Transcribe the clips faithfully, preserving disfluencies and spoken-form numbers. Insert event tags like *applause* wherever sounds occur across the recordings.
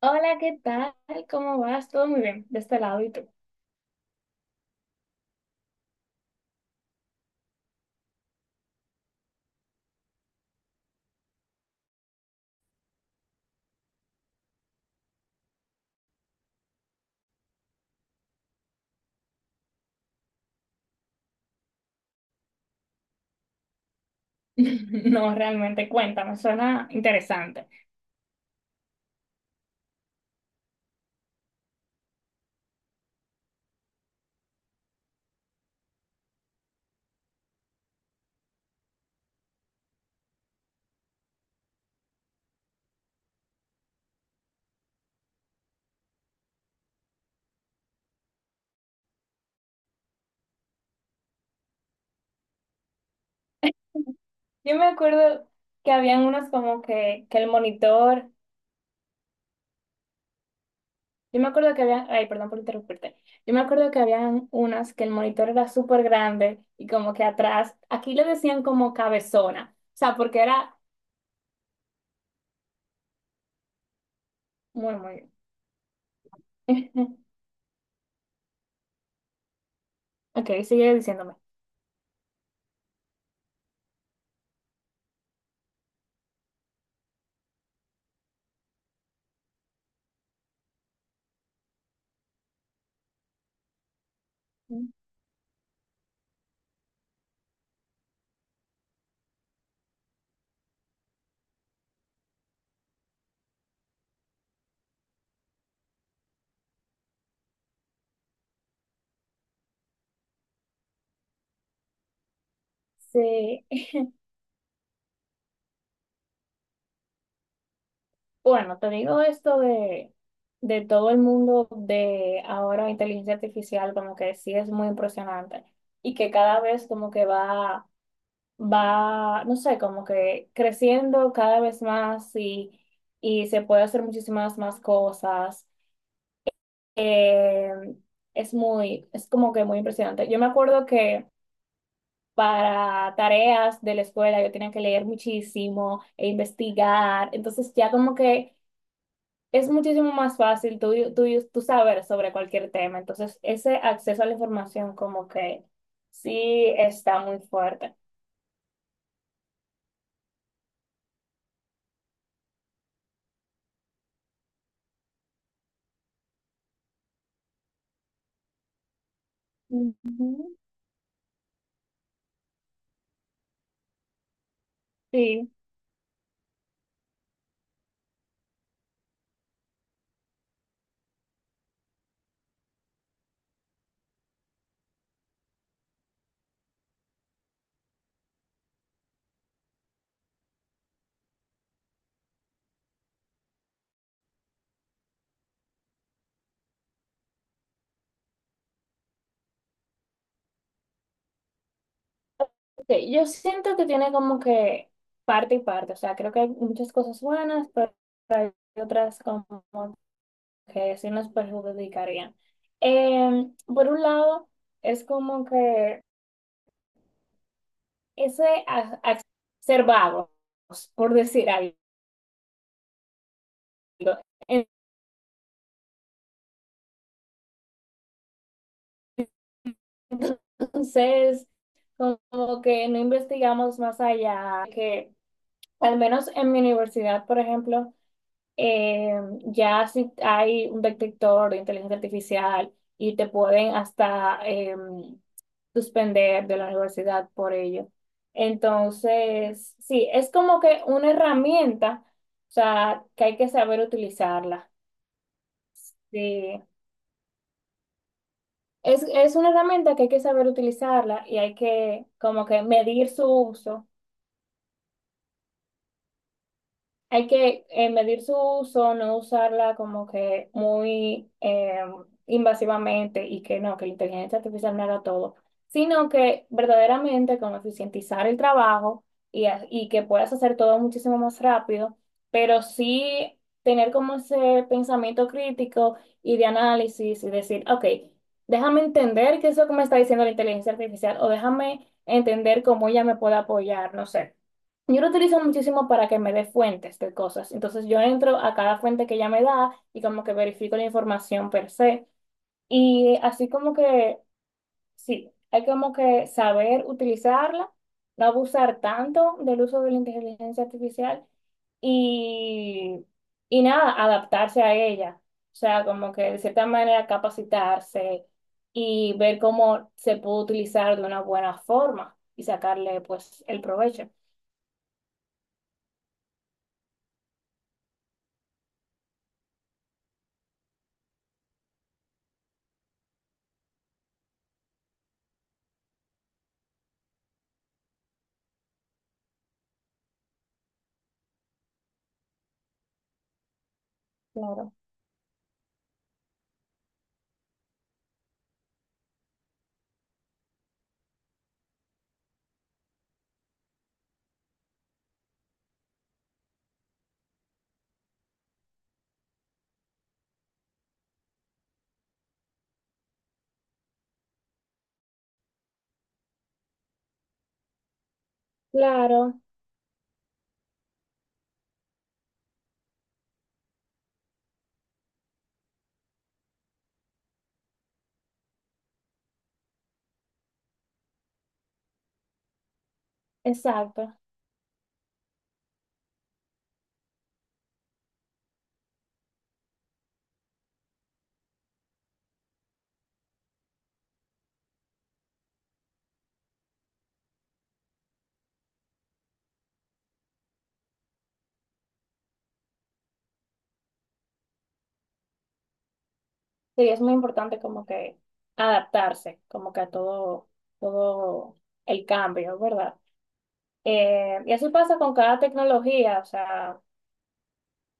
Hola, ¿qué tal? ¿Cómo vas? Todo muy bien, de este lado, ¿y tú? *laughs* No, realmente, cuéntame, suena interesante. Yo me acuerdo que habían unos como que, que el monitor, yo me acuerdo que habían, ay, perdón por interrumpirte, yo me acuerdo que habían unas que el monitor era súper grande y como que atrás, aquí le decían como cabezona, o sea, porque era muy, muy *laughs* bien. Ok, sigue diciéndome. Sí. Bueno, te digo esto de, de todo el mundo de ahora inteligencia artificial, como que sí es muy impresionante y que cada vez como que va, va, no sé, como que creciendo cada vez más y, y se puede hacer muchísimas más cosas. Eh, es muy, es como que muy impresionante. Yo me acuerdo que para tareas de la escuela yo tenía que leer muchísimo e investigar, entonces ya como que es muchísimo más fácil tú, tú, tú saber sobre cualquier tema. Entonces, ese acceso a la información como que sí está muy fuerte. Ujú. Sí, ok, yo siento que tiene como que parte y parte, o sea, creo que hay muchas cosas buenas, pero hay otras como que sí nos perjudicarían. Em, por un lado, es como que ese a- a- ser vagos, por decir algo. Entonces, como que no investigamos más allá, que al menos en mi universidad, por ejemplo, eh, ya si hay un detector de inteligencia artificial y te pueden hasta eh, suspender de la universidad por ello. Entonces, sí, es como que una herramienta, o sea, que hay que saber utilizarla. Sí. Es, es una herramienta que hay que saber utilizarla y hay que como que medir su uso. Hay que eh, medir su uso, no usarla como que muy eh, invasivamente y que no, que la inteligencia artificial no haga todo, sino que verdaderamente como eficientizar el trabajo y, ha- y que puedas hacer todo muchísimo más rápido, pero sí tener como ese pensamiento crítico y de análisis y decir, ok, déjame entender qué es lo que me está diciendo la inteligencia artificial o déjame entender cómo ella me puede apoyar, no sé. Yo lo utilizo muchísimo para que me dé fuentes de cosas. Entonces yo entro a cada fuente que ella me da y como que verifico la información per se. Y así como que, sí, hay como que saber utilizarla, no abusar tanto del uso de la inteligencia artificial y, y nada, adaptarse a ella. O sea, como que de cierta manera capacitarse y ver cómo se puede utilizar de una buena forma y sacarle pues el provecho. Claro. Claro. Exacto. Sí, es muy importante como que adaptarse, como que a todo, todo el cambio, ¿verdad? Eh, y así pasa con cada tecnología, o sea,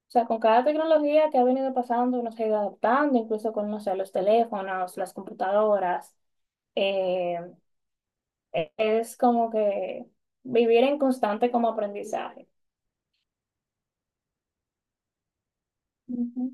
o sea, con cada tecnología que ha venido pasando, uno se ha ido adaptando, incluso con, no sé, los teléfonos, las computadoras. Eh, e- es como que vivir en constante como aprendizaje. Ujú.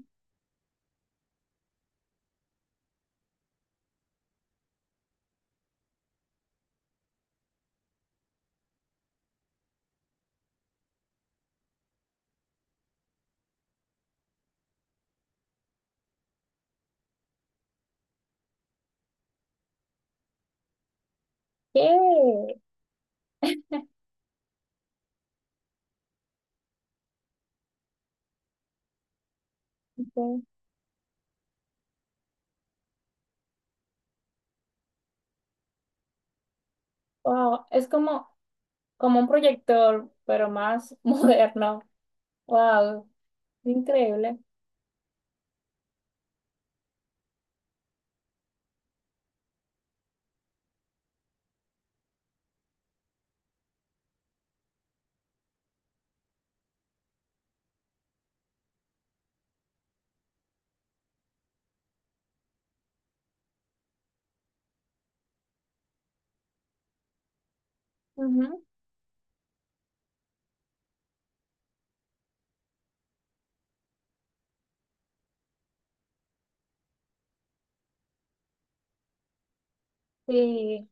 ¿Qué? Ujú. Wow, es como, como un proyector, pero más *laughs* moderno. Wow. Increíble. Ujú. Y,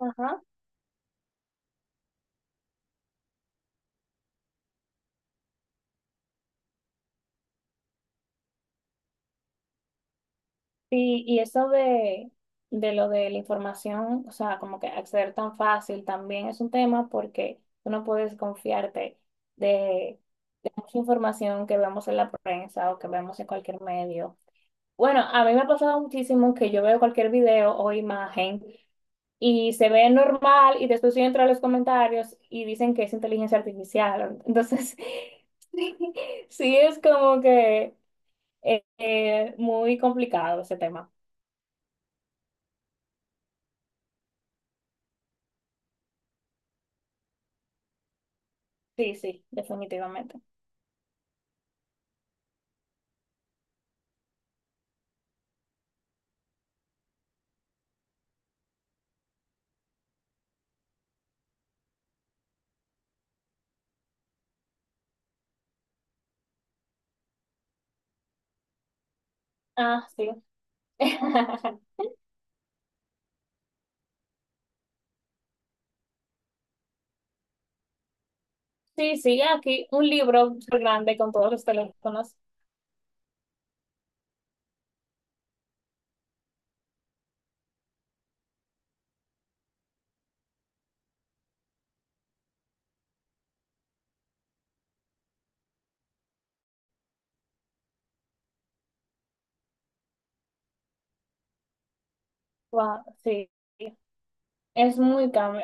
ajá. Y, y eso de, de lo de la información, o sea, como que acceder tan fácil también es un tema porque tú no puedes confiarte de, de mucha información que vemos en la prensa o que vemos en cualquier medio. Bueno, a mí me ha pasado muchísimo que yo veo cualquier video o imagen y se ve normal y después yo entro a los comentarios y dicen que es inteligencia artificial. Entonces, *laughs* sí, sí es como que... Eh, eh, muy complicado ese tema. Sí, sí, definitivamente. Ah, sí. *laughs* Sí, sí, aquí un libro súper grande con todos los teléfonos. Wow, sí, es muy cambio.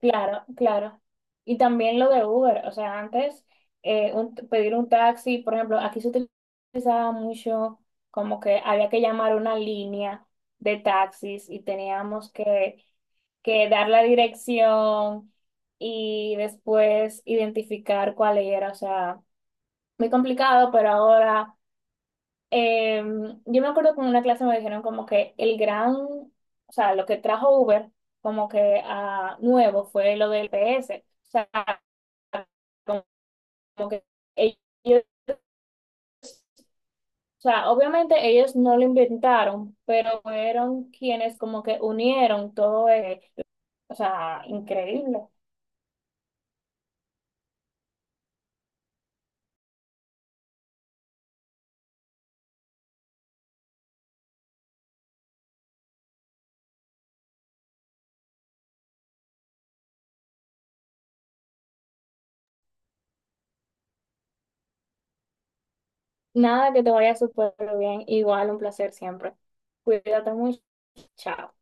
Claro, claro. Y también lo de Uber, o sea, antes eh, un- pedir un taxi, por ejemplo, aquí se utilizaba mucho como que había que llamar una línea de taxis y teníamos que que dar la dirección y después identificar cuál era. O sea, muy complicado, pero ahora eh, yo me acuerdo que en una clase me dijeron como que el gran, o sea, lo que trajo Uber como que a nuevo fue lo del G P S. O sea, como como que ellos, o sea, obviamente ellos no lo inventaron, pero fueron quienes como que unieron todo, eh, o sea, increíble. Nada, que te vaya súper bien. Igual, un placer siempre. Cuídate mucho. Chao.